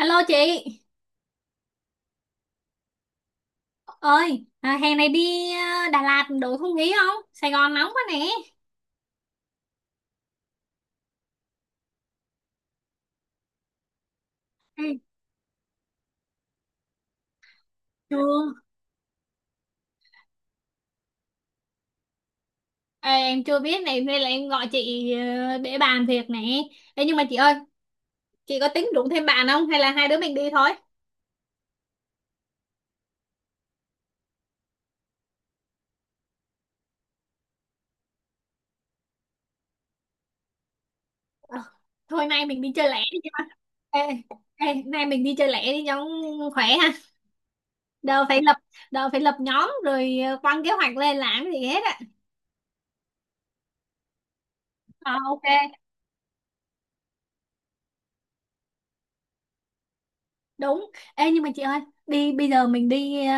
Alo chị ơi hè này đi Đà Lạt đổi không khí không? Sài Gòn nóng quá nè. Ừ. Chưa. Ê, em chưa biết này nên là em gọi chị để bàn việc nè. Ê, nhưng mà chị ơi, chị có tính rủ thêm bạn không hay là hai đứa mình đi thôi? Ờ, Thôi nay mình đi chơi lẻ đi. ê, ê, nay mình đi chơi lẻ đi, nhóm khỏe ha. đâu phải lập Đâu phải lập nhóm rồi quăng kế hoạch lên làm cái gì hết á. Ờ, ok. Đúng. Ê, nhưng mà chị ơi, đi bây giờ mình đi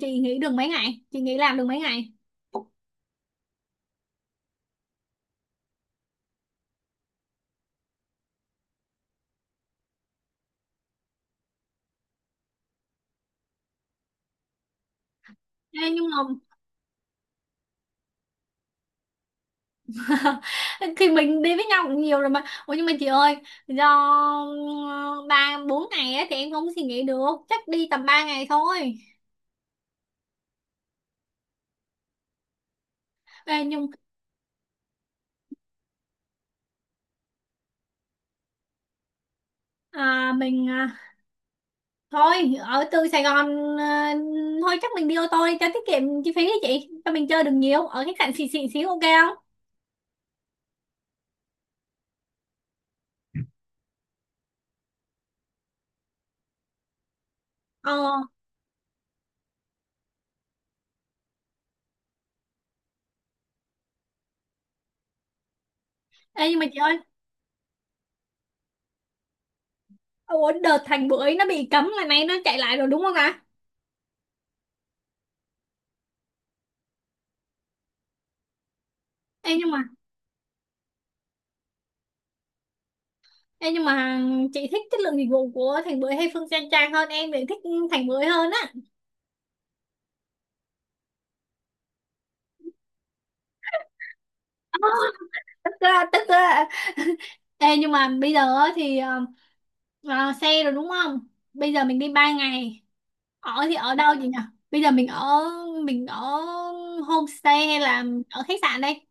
chị nghỉ được mấy ngày, chị nghỉ làm được mấy ngày? Ê, nhưng mà thì mình đi với nhau cũng nhiều rồi mà. Ủa, nhưng mà chị ơi, do ờ, ba bốn ngày á, thì em không suy nghĩ được, chắc đi tầm 3 ngày thôi. Ê, nhưng mình thôi ở từ Sài Gòn thôi chắc mình đi ô tô đi cho tiết kiệm chi phí đi chị, cho mình chơi được nhiều, ở khách sạn xịn xịn xíu, ok không? Ờ. Ê, nhưng mà chị ơi, ủa đợt Thành Bưởi nó bị cấm là nay nó chạy lại rồi đúng không ạ? Ê, nhưng mà Ê, nhưng mà chị thích chất lượng dịch vụ của Thành Bưởi hay Phương Trang Trang hơn? Em thì thích Thành Bưởi hơn á. Ờ, Tức á, tức á. Ê, nhưng mà bây giờ á thì xe rồi đúng không, bây giờ mình đi 3 ngày, ở thì ở đâu vậy nhỉ? Bây giờ mình ở homestay hay là ở khách sạn đây?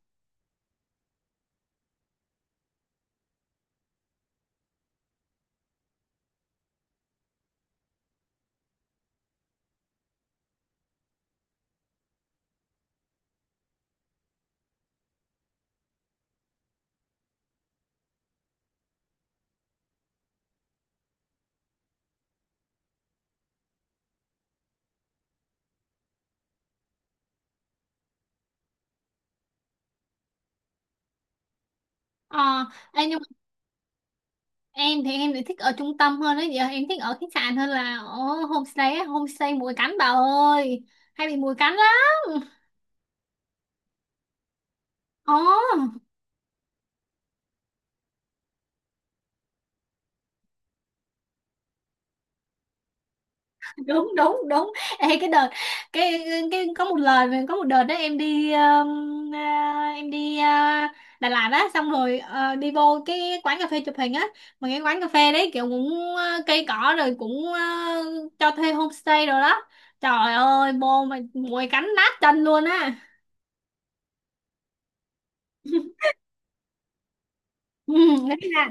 Ờ. Ê, nhưng mà em thì em lại thích ở trung tâm hơn đấy, giờ em thích ở khách sạn hơn là ở homestay á. Homestay muỗi cắn bà ơi, hay bị muỗi cắn lắm. Ờ, đúng đúng đúng. Ê, cái đợt, cái có một lời mà có một đợt đó em đi Đà Lạt á, xong rồi đi vô cái quán cà phê chụp hình á, mà cái quán cà phê đấy kiểu cũng cây cỏ rồi cũng cho thuê homestay rồi đó, trời ơi vô mà mùi cánh nát chân luôn á. Ừ, khách sạn.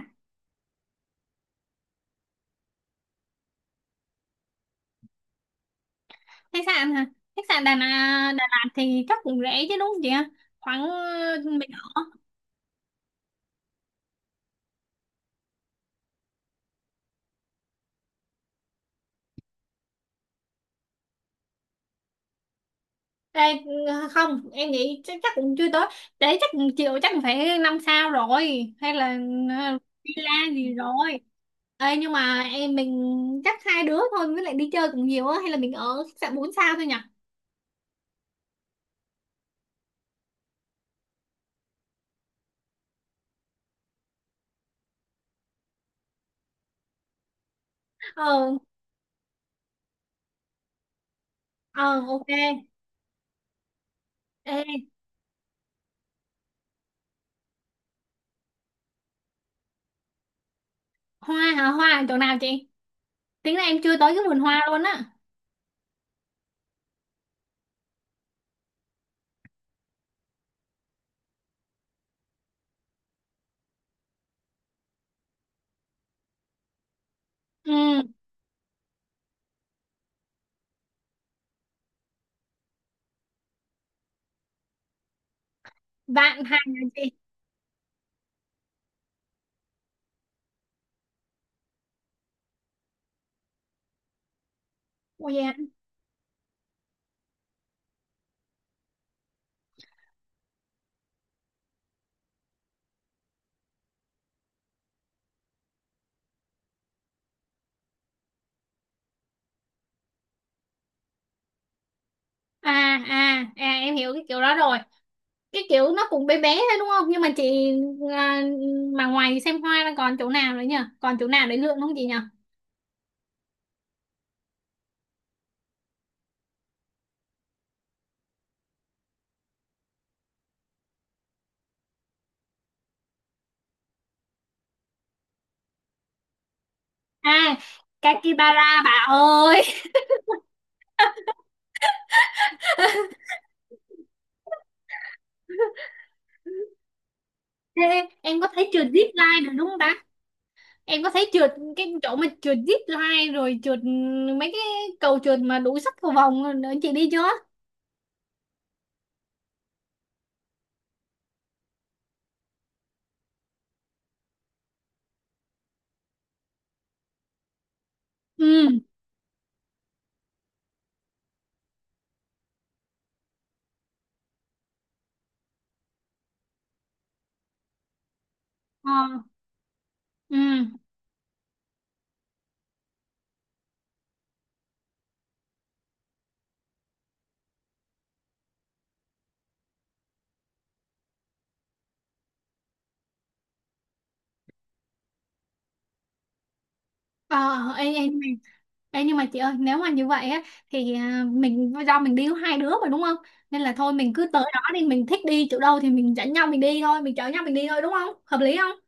Khách sạn hả? Khách sạn Đà Lạt thì chắc cũng rẻ chứ đúng không chị ạ? Khoảng mình ở. Ê, không em nghĩ chắc cũng chưa tới, để chắc chịu chắc phải năm sao rồi, hay là ờ, villa gì rồi. Ê, nhưng mà mình chắc hai đứa thôi, với lại đi chơi cũng nhiều á, hay là mình ở khách sạn bốn sao thôi nhỉ? ờ ờ ok. Ê, hoa hả? Hoa ở chỗ nào chị? Tính là em chưa tới cái vườn hoa luôn á. Ừ. Vạn Hạnh hả chị? Ôi dạ. À à à, em hiểu cái kiểu đó rồi. Cái kiểu nó cũng bé bé thôi đúng không? Nhưng mà chị à, mà ngoài xem hoa ra còn chỗ nào nữa nhỉ, còn chỗ nào để lượn không chị nhỉ? À, Kakibara bà ơi. Ê, em có thấy trượt zip line được đúng không ta? Em có thấy trượt, cái chỗ mà trượt zip line rồi trượt mấy cái cầu trượt mà đủ sắc cầu vồng nữa, chị đi chưa? Ừ. Ờ. Ừ. Ờ, Ê, nhưng mà chị ơi, nếu mà như vậy á thì mình do mình đi có hai đứa mà đúng không, nên là thôi mình cứ tới đó đi, mình thích đi chỗ đâu thì mình dẫn nhau mình đi thôi, mình chở nhau mình đi thôi, đúng không, hợp lý không?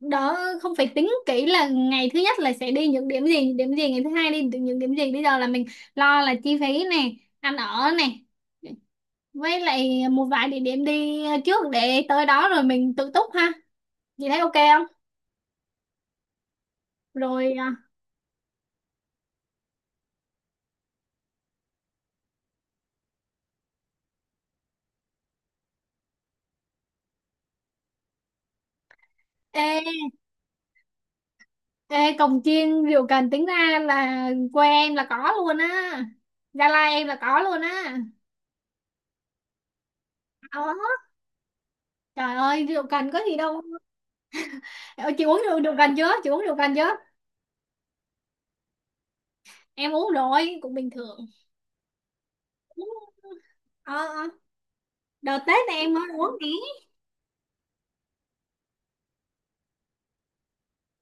Đó, không phải tính kỹ là ngày thứ nhất là sẽ đi những điểm gì, những điểm gì ngày thứ hai đi những điểm gì, bây giờ là mình lo là chi phí này, ăn ở này, với lại một vài địa điểm đi trước, để tới đó rồi mình tự túc ha, chị thấy ok không? Rồi. À, ê, Ê, cồng chiên rượu cần tính ra là quê em là có luôn á, Gia Lai em là có luôn á. Có. Trời ơi, rượu cần có gì đâu. Ờ, Chị uống rượu cần chưa? Chị uống rượu cần chưa? Em uống rồi cũng bình thường. Uống- Ờ, ờ. Đợt Tết này em mới uống tí.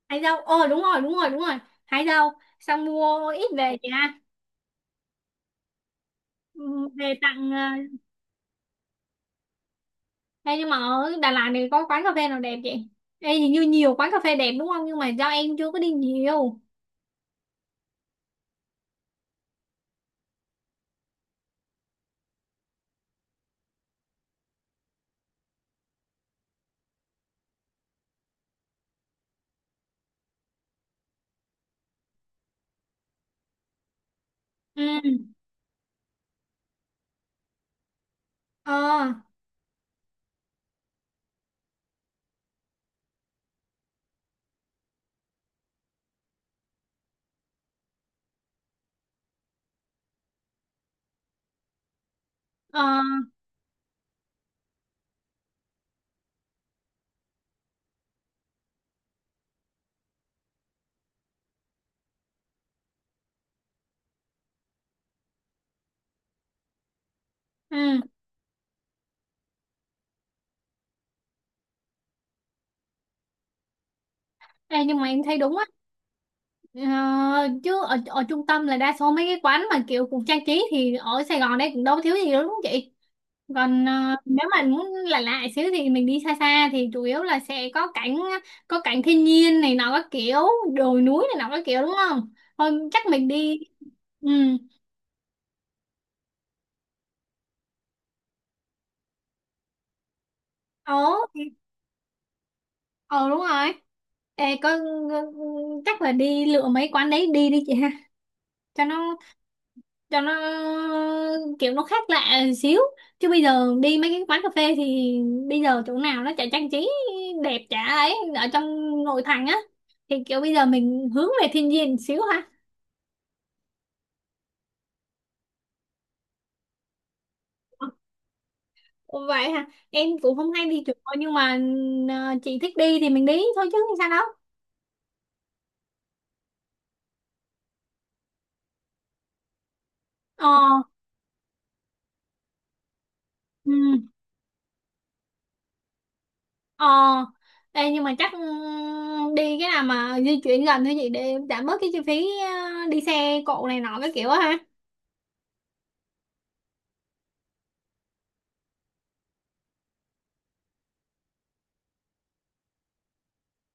Hải dâu. Ờ đúng rồi đúng rồi đúng rồi. Hải dâu. Xong mua ít về chị ha. Ừ. Về tặng Ê, nhưng mà ở Đà Lạt này có quán cà phê nào đẹp chị? Ê, hình như nhiều quán cà phê đẹp đúng không? Nhưng mà do em chưa có đi nhiều. Ừ. Ờ. Ờ. Ừ. Ê, nhưng mà em thấy đúng á. Ờ, Chứ ở trung tâm là đa số mấy cái quán mà kiểu cũng trang trí thì ở Sài Gòn đây cũng đâu thiếu gì đâu đúng không chị? Còn nếu mà muốn lạ lạ xíu thì mình đi xa xa, thì chủ yếu là sẽ có cảnh thiên nhiên này nọ các kiểu, đồi núi này nọ các kiểu, đúng không? Thôi chắc mình đi. Ừ. Ờ. thì- ờ đúng rồi. Ê, có, chắc là đi lựa mấy quán đấy đi đi chị ha, cho nó cho nó kiểu nó khác lạ xíu. Chứ bây giờ đi mấy cái quán cà phê thì bây giờ chỗ nào nó chả trang trí đẹp chả ấy, ở trong nội thành á, thì kiểu bây giờ mình hướng về thiên nhiên xíu ha. Ồ, vậy hả, em cũng không hay đi chùa nhưng mà chị thích đi thì mình đi thôi chứ sao đâu. Ờ. Ừ. Ờ. Ê, nhưng mà chắc đi cái nào mà di chuyển gần thôi chị, để giảm bớt cái chi phí đi xe cộ này nọ cái kiểu á ha.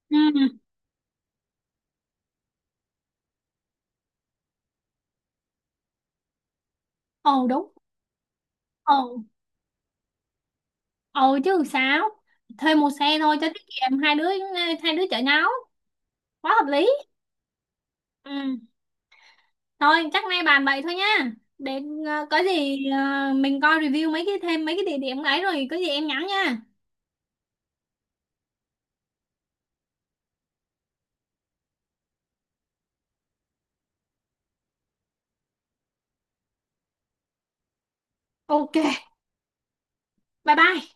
Ừ ừ. Ồ đúng. Ồ. Ừ, chứ sao. Thuê một xe thôi cho tiết kiệm, hai đứa, hai đứa chở nhau, quá hợp lý. Ừ. Thôi chắc nay bàn vậy thôi nha, để có gì mình coi review mấy cái thêm mấy cái địa điểm ấy rồi có gì em nhắn nha. Ok, bye bye.